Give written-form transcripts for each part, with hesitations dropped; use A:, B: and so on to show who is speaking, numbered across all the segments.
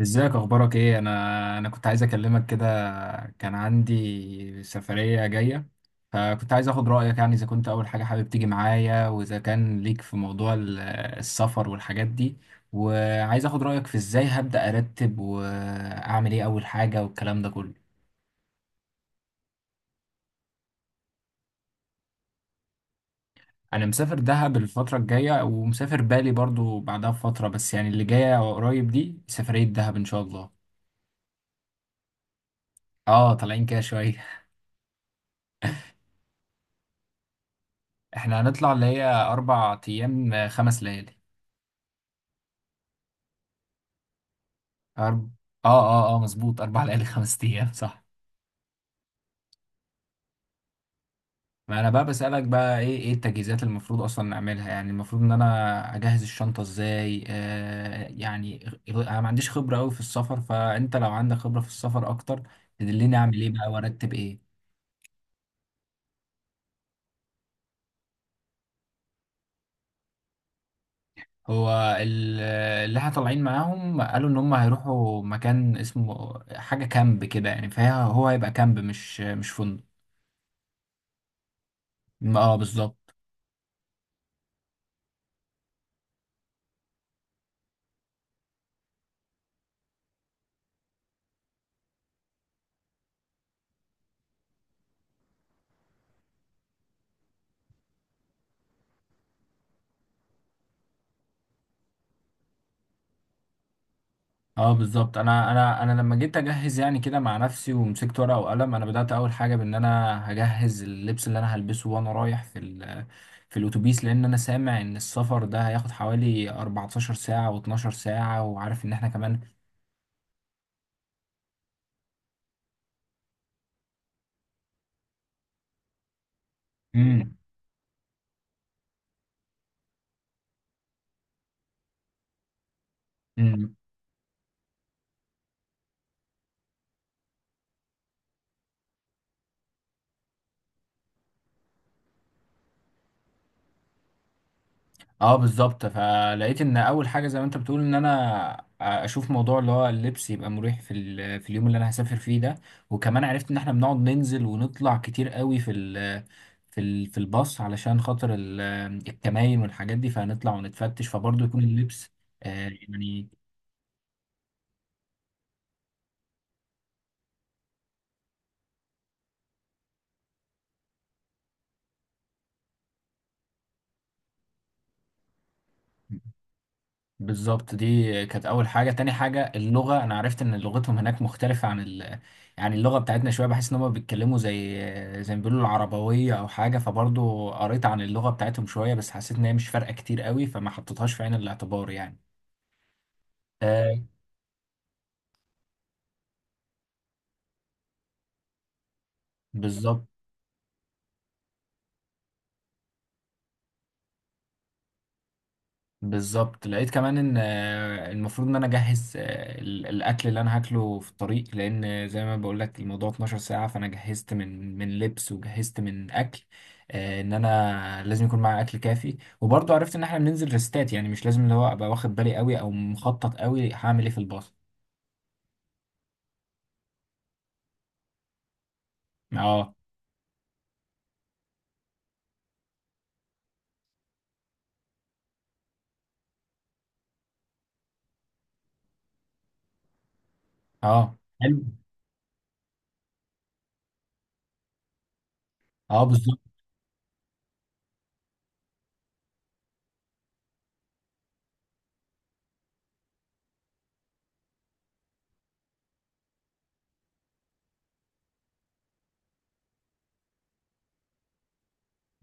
A: ازيك، اخبارك ايه؟ انا كنت عايز اكلمك كده. كان عندي سفرية جاية، فكنت عايز اخد رأيك يعني، اذا كنت اول حاجة حابب تيجي معايا، واذا كان ليك في موضوع السفر والحاجات دي. وعايز اخد رأيك في ازاي هبدأ ارتب واعمل ايه اول حاجة والكلام ده كله. انا مسافر دهب الفترة الجاية، ومسافر بالي برضو بعدها بفترة، بس يعني اللي جاية قريب دي سفرية دهب ان شاء الله. اه، طالعين كده شوية. احنا هنطلع اللي هي اربع ايام خمس ليالي. أرب... اه اه اه مظبوط، أربع ليالي خمس أيام صح. ما أنا بقى بسألك بقى إيه التجهيزات اللي المفروض أصلا نعملها، يعني المفروض إن أنا أجهز الشنطة إزاي، آه يعني. أنا ما عنديش خبرة أوي في السفر، فأنت لو عندك خبرة في السفر أكتر تدلني أعمل إيه بقى وأرتب إيه. هو ال- اللي احنا طالعين معاهم قالوا إن هم هيروحوا مكان اسمه حاجة كامب كده يعني، فهو هيبقى كامب مش فندق. اه بالظبط. اه بالظبط. انا لما جيت اجهز يعني كده مع نفسي ومسكت ورقه وقلم، انا بدات اول حاجه بان انا هجهز اللبس اللي انا هلبسه وانا رايح في ال في الاتوبيس، لان انا سامع ان السفر ده هياخد حوالي 14 ساعه و12 ساعه، وعارف ان احنا كمان. امم. اه بالظبط، فلقيت ان اول حاجه زي ما انت بتقول ان انا اشوف موضوع اللي هو اللبس يبقى مريح في في اليوم اللي انا هسافر فيه ده. وكمان عرفت ان احنا بنقعد ننزل ونطلع كتير قوي في ال في ال في الباص علشان خاطر الكمائن والحاجات دي، فهنطلع ونتفتش فبرضه يكون اللبس، يعني. بالظبط، دي كانت اول حاجه. تاني حاجه اللغه، انا عرفت ان لغتهم هناك مختلفه عن يعني اللغه بتاعتنا شويه، بحس ان هم بيتكلموا زي ما بيقولوا العربويه او حاجه، فبرضو قريت عن اللغه بتاعتهم شويه، بس حسيت ان هي مش فارقه كتير قوي فما حطيتهاش في عين الاعتبار يعني. آه. بالظبط. بالظبط، لقيت كمان ان المفروض ان انا اجهز الاكل اللي انا هاكله في الطريق، لان زي ما بقول لك الموضوع 12 ساعه، فانا جهزت من لبس وجهزت من اكل. ان انا لازم يكون معايا اكل كافي. وبرضه عرفت ان احنا بننزل ريستات، يعني مش لازم اللي هو ابقى واخد بالي قوي او مخطط قوي هعمل ايه في الباص. اه. اه حلو. اه بالظبط.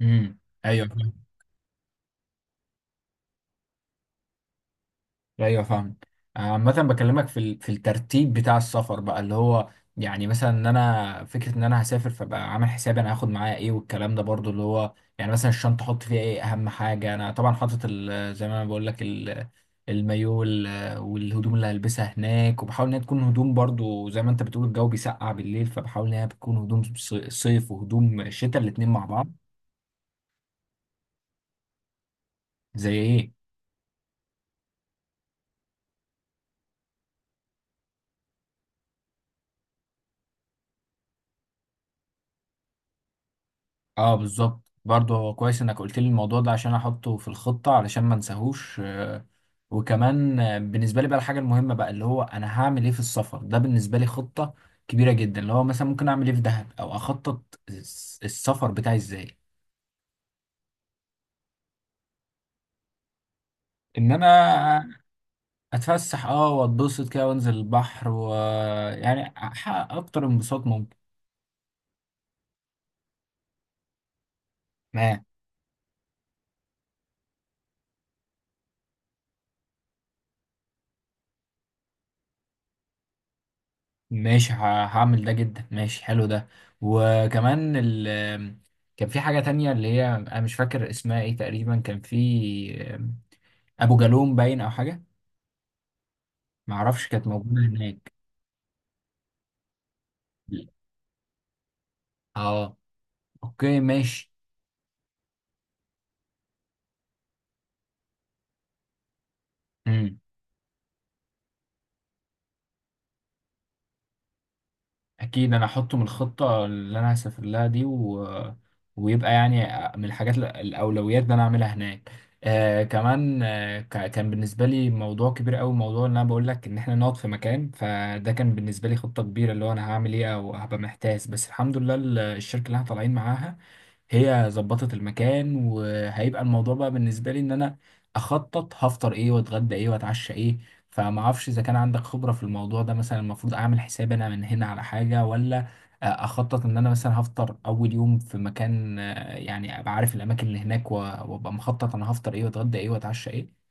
A: امم. ايوه. ايوه فاهم. عامة بكلمك في في الترتيب بتاع السفر بقى، اللي هو يعني مثلا ان انا فكرة ان انا هسافر، فبقى عامل حسابي انا هاخد معايا ايه والكلام ده، برضو اللي هو يعني مثلا الشنطة احط فيها ايه اهم حاجة. انا طبعا حاطط زي ما انا بقول لك المايو والهدوم اللي هلبسها هناك، وبحاول ان هي تكون هدوم برضو زي ما انت بتقول الجو بيسقع بالليل، فبحاول ان هي بتكون هدوم صيف وهدوم شتاء الاتنين مع بعض. زي ايه؟ اه بالظبط، برضه هو كويس انك قلت لي الموضوع ده عشان احطه في الخطة علشان ما انساهوش. وكمان بالنسبة لي بقى، الحاجة المهمة بقى اللي هو انا هعمل ايه في السفر ده، بالنسبة لي خطة كبيرة جدا، اللي هو مثلا ممكن اعمل ايه في دهب، او اخطط السفر بتاعي ازاي. ان انا اتفسح اه، واتبسط كده، وانزل البحر ويعني احقق اكتر انبساط ممكن. ماشي، هعمل ده جدا، ماشي حلو ده. وكمان كان في حاجة تانية اللي هي أنا مش فاكر اسمها إيه تقريبا، كان في أبو جالوم باين أو حاجة، معرفش كانت موجودة هناك. آه. أوكي ماشي. مم. اكيد انا احطه من الخطه اللي انا هسافر لها دي، ويبقى يعني من الحاجات الاولويات اللي انا اعملها هناك. آه كمان، آه كان بالنسبه لي موضوع كبير قوي، موضوع ان انا بقول لك ان احنا نقعد في مكان، فده كان بالنسبه لي خطه كبيره اللي هو انا هعمل ايه او هبقى محتاس. بس الحمد لله الشركه اللي احنا طالعين معاها هي ظبطت المكان، وهيبقى الموضوع بقى بالنسبه لي ان انا اخطط هفطر ايه واتغدى ايه واتعشى ايه. فما اعرفش اذا كان عندك خبرة في الموضوع ده، مثلا المفروض اعمل حساب انا من هنا على حاجة، ولا اخطط ان انا مثلا هفطر اول يوم في مكان، يعني ابقى عارف الاماكن اللي هناك وابقى مخطط انا هفطر ايه واتغدى ايه واتعشى ايه.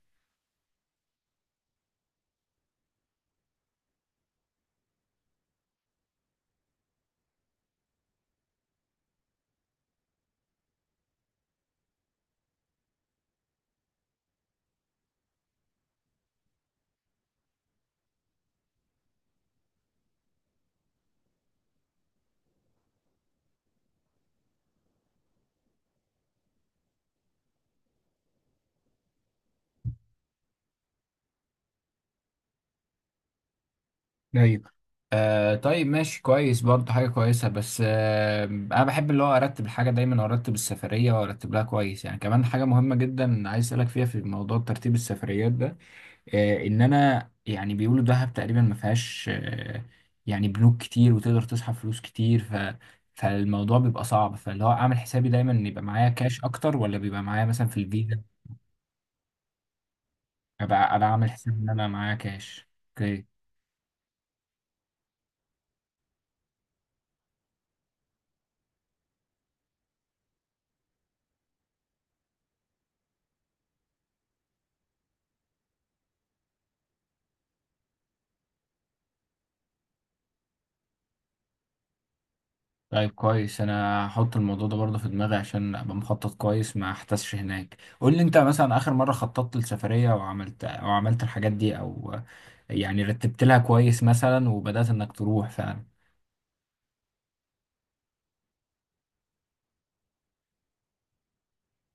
A: ايوه. آه طيب ماشي كويس برضه، حاجة كويسة. بس آه أنا بحب اللي هو أرتب الحاجة دايما وأرتب السفرية وأرتب لها كويس، يعني كمان حاجة مهمة جدا عايز أسألك فيها في موضوع ترتيب السفريات ده. ان انا يعني بيقولوا دهب تقريبا ما فيهاش يعني بنوك كتير وتقدر تسحب فلوس كتير، فالموضوع بيبقى صعب، فاللي هو اعمل حسابي دايما ان يبقى معايا كاش اكتر، ولا بيبقى معايا مثلا في الفيزا؟ ابقى انا عامل حساب ان انا معايا كاش، اوكي. طيب كويس، انا هحط الموضوع ده برضه في دماغي عشان ابقى مخطط كويس ما احتسش هناك. قول لي انت مثلا اخر مره خططت لسفريه وعملت او عملت الحاجات دي، او يعني رتبت لها كويس مثلا وبدات انك تروح فعلا.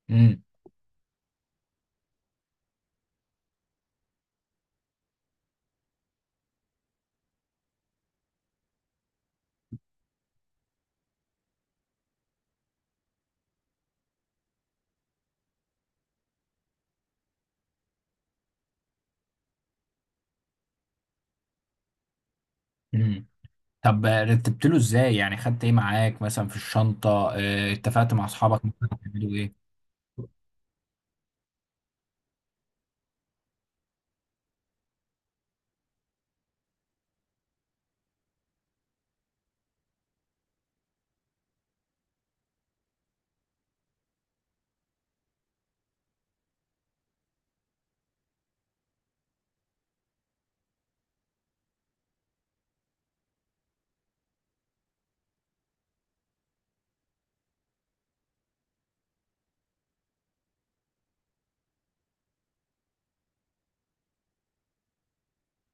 A: امم. امم. طب رتبت له ازاي يعني؟ خدت ايه معاك مثلا في الشنطة؟ اتفقت مع اصحابك مثلا هتعملوا ايه؟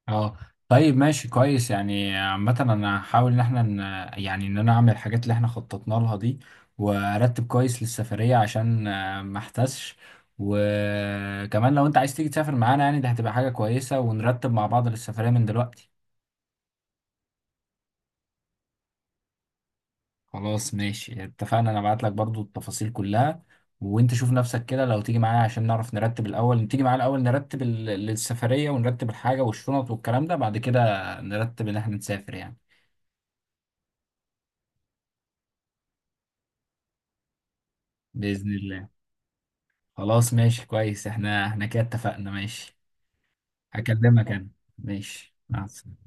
A: اه طيب ماشي كويس، يعني عامة انا هحاول ان احنا يعني ان انا اعمل الحاجات اللي احنا خططنا لها دي، وارتب كويس للسفرية عشان ما احتسش. وكمان لو انت عايز تيجي تسافر معانا يعني، ده هتبقى حاجة كويسة، ونرتب مع بعض للسفرية من دلوقتي. خلاص ماشي اتفقنا، انا ابعت لك برضو التفاصيل كلها، وانت شوف نفسك كده لو تيجي معايا عشان نعرف نرتب الاول. تيجي معايا الاول نرتب السفرية، ونرتب الحاجة والشنط والكلام ده، بعد كده نرتب ان احنا نسافر يعني. بإذن الله. خلاص ماشي كويس، احنا كده اتفقنا ماشي. هكلمك انا. ماشي مع السلامة.